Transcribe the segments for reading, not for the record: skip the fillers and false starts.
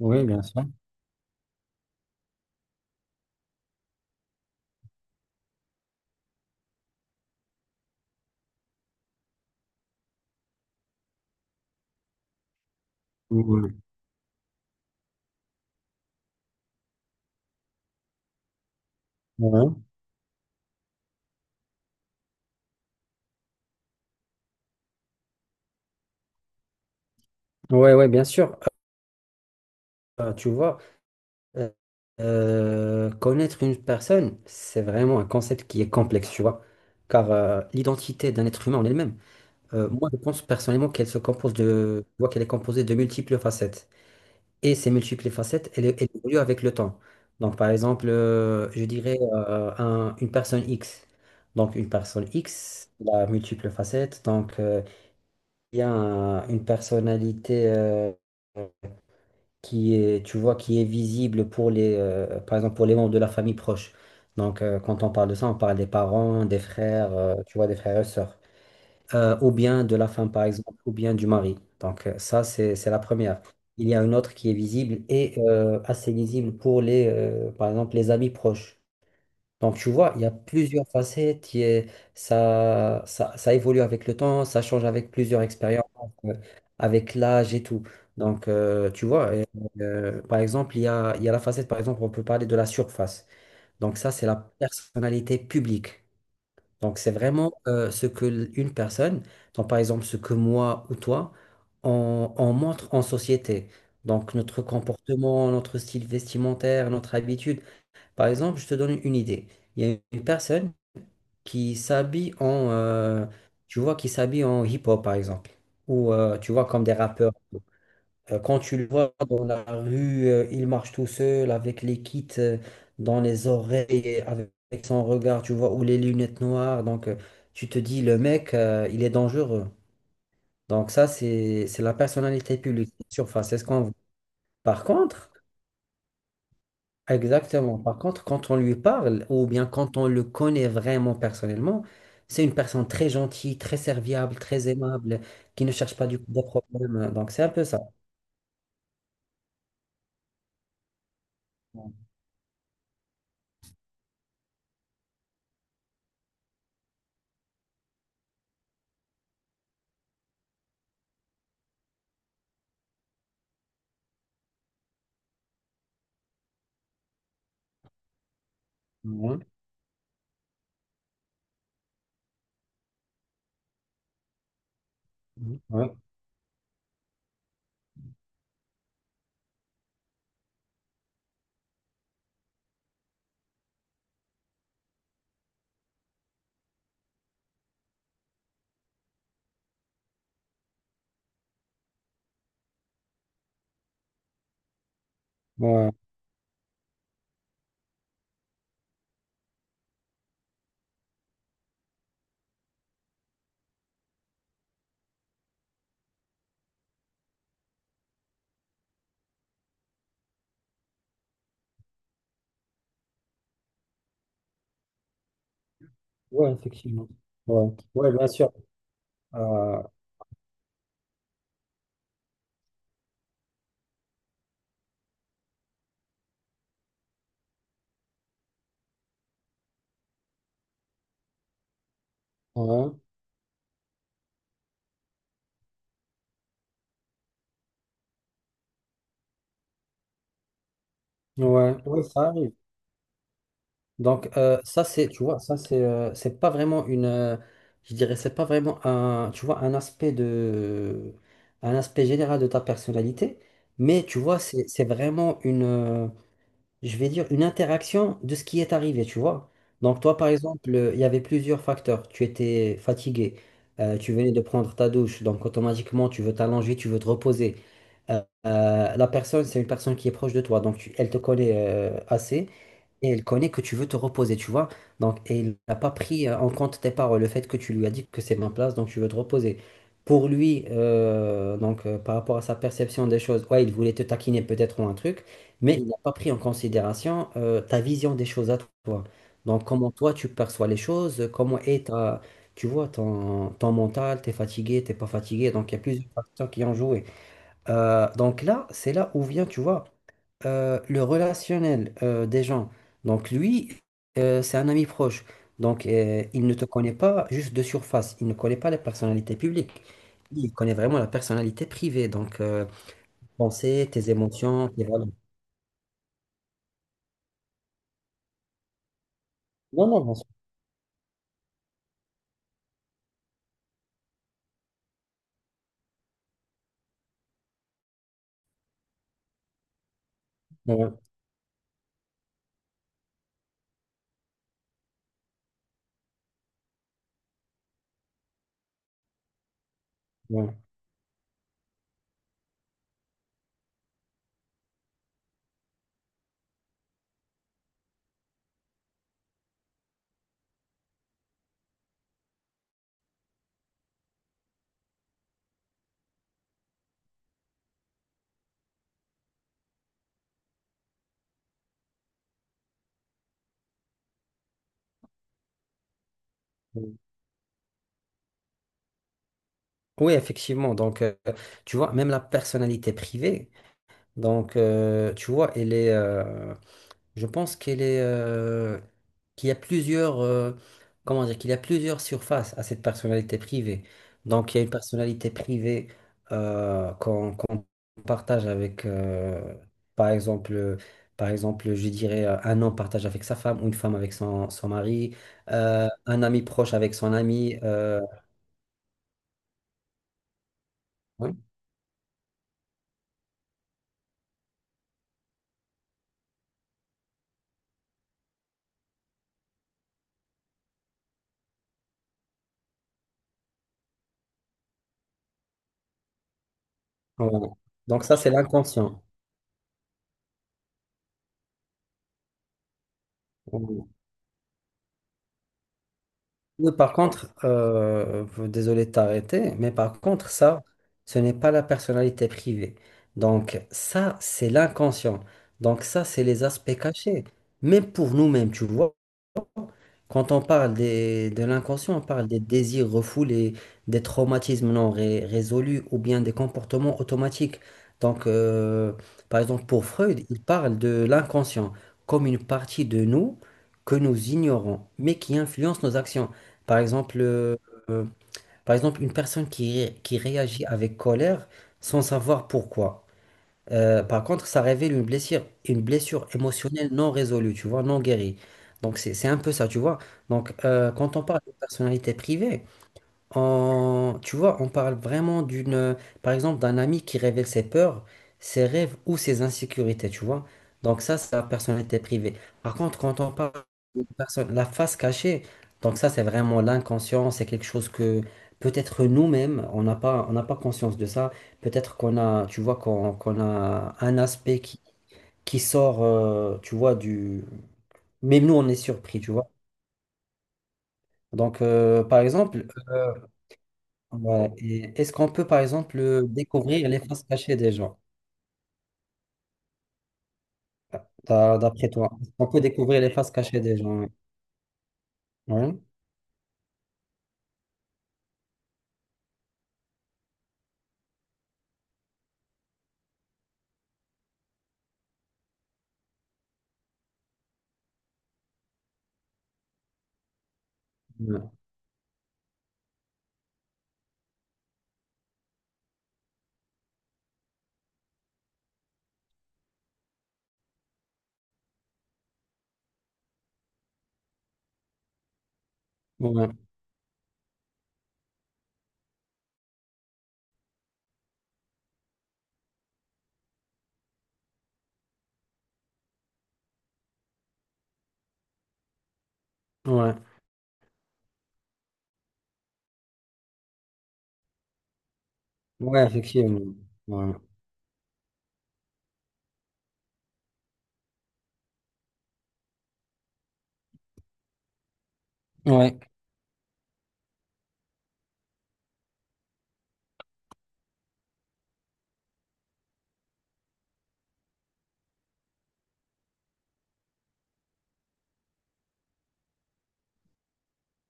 Oui, bien sûr. Mhm. Ouais. Ouais, ouais, bien sûr. Euh, tu vois, euh, Connaître une personne, c'est vraiment un concept qui est complexe, tu vois. Car l'identité d'un être humain en elle-même, moi, je pense personnellement qu'elle se compose de, tu vois, qu'elle est composée de multiples facettes. Et ces multiples facettes, elles évoluent avec le temps. Donc, par exemple, je dirais une personne X. Donc, une personne X, la multiple facette. Donc, y a une personnalité qui est, tu vois, qui est visible pour les, par exemple, pour les membres de la famille proche. Donc, quand on parle de ça, on parle des parents, des frères, tu vois, des frères et sœurs. Ou bien de la femme, par exemple, ou bien du mari. Donc, ça, c'est la première. Il y a une autre qui est visible et assez visible pour les, par exemple, les amis proches. Donc, tu vois, il y a plusieurs facettes, ça évolue avec le temps, ça change avec plusieurs expériences, euh, avec l'âge et tout. Donc, par exemple, il y a la facette, par exemple, on peut parler de la surface. Donc, ça, c'est la personnalité publique. Donc, c'est vraiment ce que une personne, donc par exemple, ce que moi ou toi, on montre en société. Donc, notre comportement, notre style vestimentaire, notre habitude. Par exemple, je te donne une idée. Il y a une personne qui s'habille en hip-hop, par exemple. Ou, tu vois, comme des rappeurs. Quand tu le vois dans la rue, il marche tout seul avec les kits dans les oreilles, avec son regard, tu vois, ou les lunettes noires. Tu te dis, le mec, il est dangereux. Donc, ça, c'est la personnalité publique, surface. C'est ce qu'on voit. Par contre. Exactement. Par contre, quand on lui parle, ou bien quand on le connaît vraiment personnellement, c'est une personne très gentille, très serviable, très aimable, qui ne cherche pas du des problèmes. Donc, c'est un peu ça. Ouais, ouais, ouais, ouais, effectivement. Ouais, ouais, bien sûr. Euh, ouais, ouais, ça arrive. Donc, ça c'est tu vois ça c'est pas vraiment une je dirais c'est pas vraiment un tu vois un aspect de un aspect général de ta personnalité mais tu vois c'est vraiment une je vais dire une interaction de ce qui est arrivé tu vois donc toi par exemple il y avait plusieurs facteurs tu étais fatigué, tu venais de prendre ta douche donc automatiquement tu veux t'allonger tu veux te reposer. La personne, c'est une personne qui est proche de toi, donc elle te connaît assez. Et elle connaît que tu veux te reposer, tu vois. Donc, et il n'a pas pris en compte tes paroles, le fait que tu lui as dit que c'est ma place, donc tu veux te reposer. Pour lui, par rapport à sa perception des choses, ouais, il voulait te taquiner peut-être ou un truc, mais il n'a pas pris en considération ta vision des choses à toi. Donc, comment toi tu perçois les choses, comment est ta, tu vois, ton mental, t'es fatigué, t'es pas fatigué. Donc, il y a plusieurs facteurs qui ont joué. Donc là, c'est là où vient, tu vois, le relationnel des gens. Donc lui, c'est un ami proche. Donc, il ne te connaît pas juste de surface. Il ne connaît pas la personnalité publique. Il connaît vraiment la personnalité privée. Pensée, tes émotions, tes valeurs. Non, non, bien sûr. Ouais, ouais, ouais. Ouais. Oui, effectivement. Donc, tu vois, même la personnalité privée, donc, tu vois, je pense qu'elle est, qu'il y a plusieurs, comment dire, qu'il y a plusieurs surfaces à cette personnalité privée. Donc, il y a une personnalité privée qu'on partage avec, par exemple, euh, par exemple, je dirais un homme partage avec sa femme, ou une femme avec son mari, un ami proche avec son ami. Ouais. Ouais. Donc, ça, c'est l'inconscient. Oui, par contre, désolé de t'arrêter, mais par contre, ça, ce n'est pas la personnalité privée. Donc, ça, c'est l'inconscient. Donc, ça, c'est les aspects cachés. Même pour nous-mêmes, tu vois. Quand on parle des- De l'inconscient, on parle des désirs refoulés, des traumatismes non ré- résolus ou bien des comportements automatiques. Donc, par exemple, pour Freud, il parle de l'inconscient comme une partie de nous que nous ignorons, mais qui influence nos actions. Par exemple, euh, une personne qui, qui réagit avec colère sans savoir pourquoi. Par contre, ça révèle une blessure émotionnelle non résolue, tu vois, non guérie. Donc, c'est un peu ça, tu vois. Donc, quand on parle de personnalité privée, tu vois, on parle vraiment d'une, par exemple, d'un ami qui révèle ses peurs, ses rêves ou ses insécurités, tu vois. Donc, ça, c'est la personnalité privée. Par contre, quand on parle personne, la face cachée. Donc ça, c'est vraiment l'inconscient, c'est quelque chose que peut-être nous-mêmes, on n'a pas conscience de ça. Peut-être qu'on a, tu vois, qu'on a un aspect qui sort, tu vois, du... Même nous, on est surpris, tu vois. Donc, ouais, et est-ce qu'on peut, par exemple, découvrir les faces cachées des gens, d'après toi? Est-ce qu'on peut découvrir les faces cachées des gens? Ouais. Ouais. Ouais. Ouais. Ouais, effectivement. Ouais. Ouais.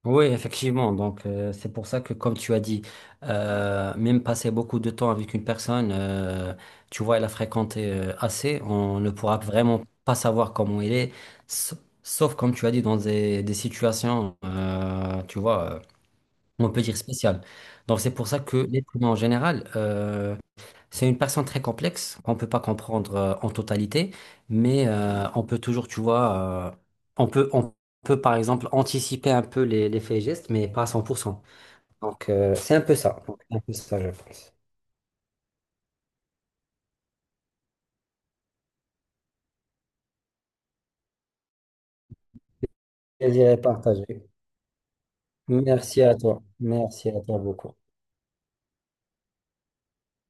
Oui, effectivement. Donc, c'est pour ça que, comme tu as dit, même passer beaucoup de temps avec une personne, tu vois, elle a fréquenté assez, on ne pourra vraiment pas savoir comment il est, sa- sauf, comme tu as dit, dans des situations, on peut dire spéciales. Donc, c'est pour ça que l'être humain en général, c'est une personne très complexe qu'on ne peut pas comprendre en totalité, mais on peut toujours, tu vois, on peut par exemple anticiper un peu les faits et gestes, mais pas à 100%. Donc, c'est un peu ça. Donc, c'est un peu ça, je pense. Plaisir est partagé. Merci à toi. Merci à toi beaucoup.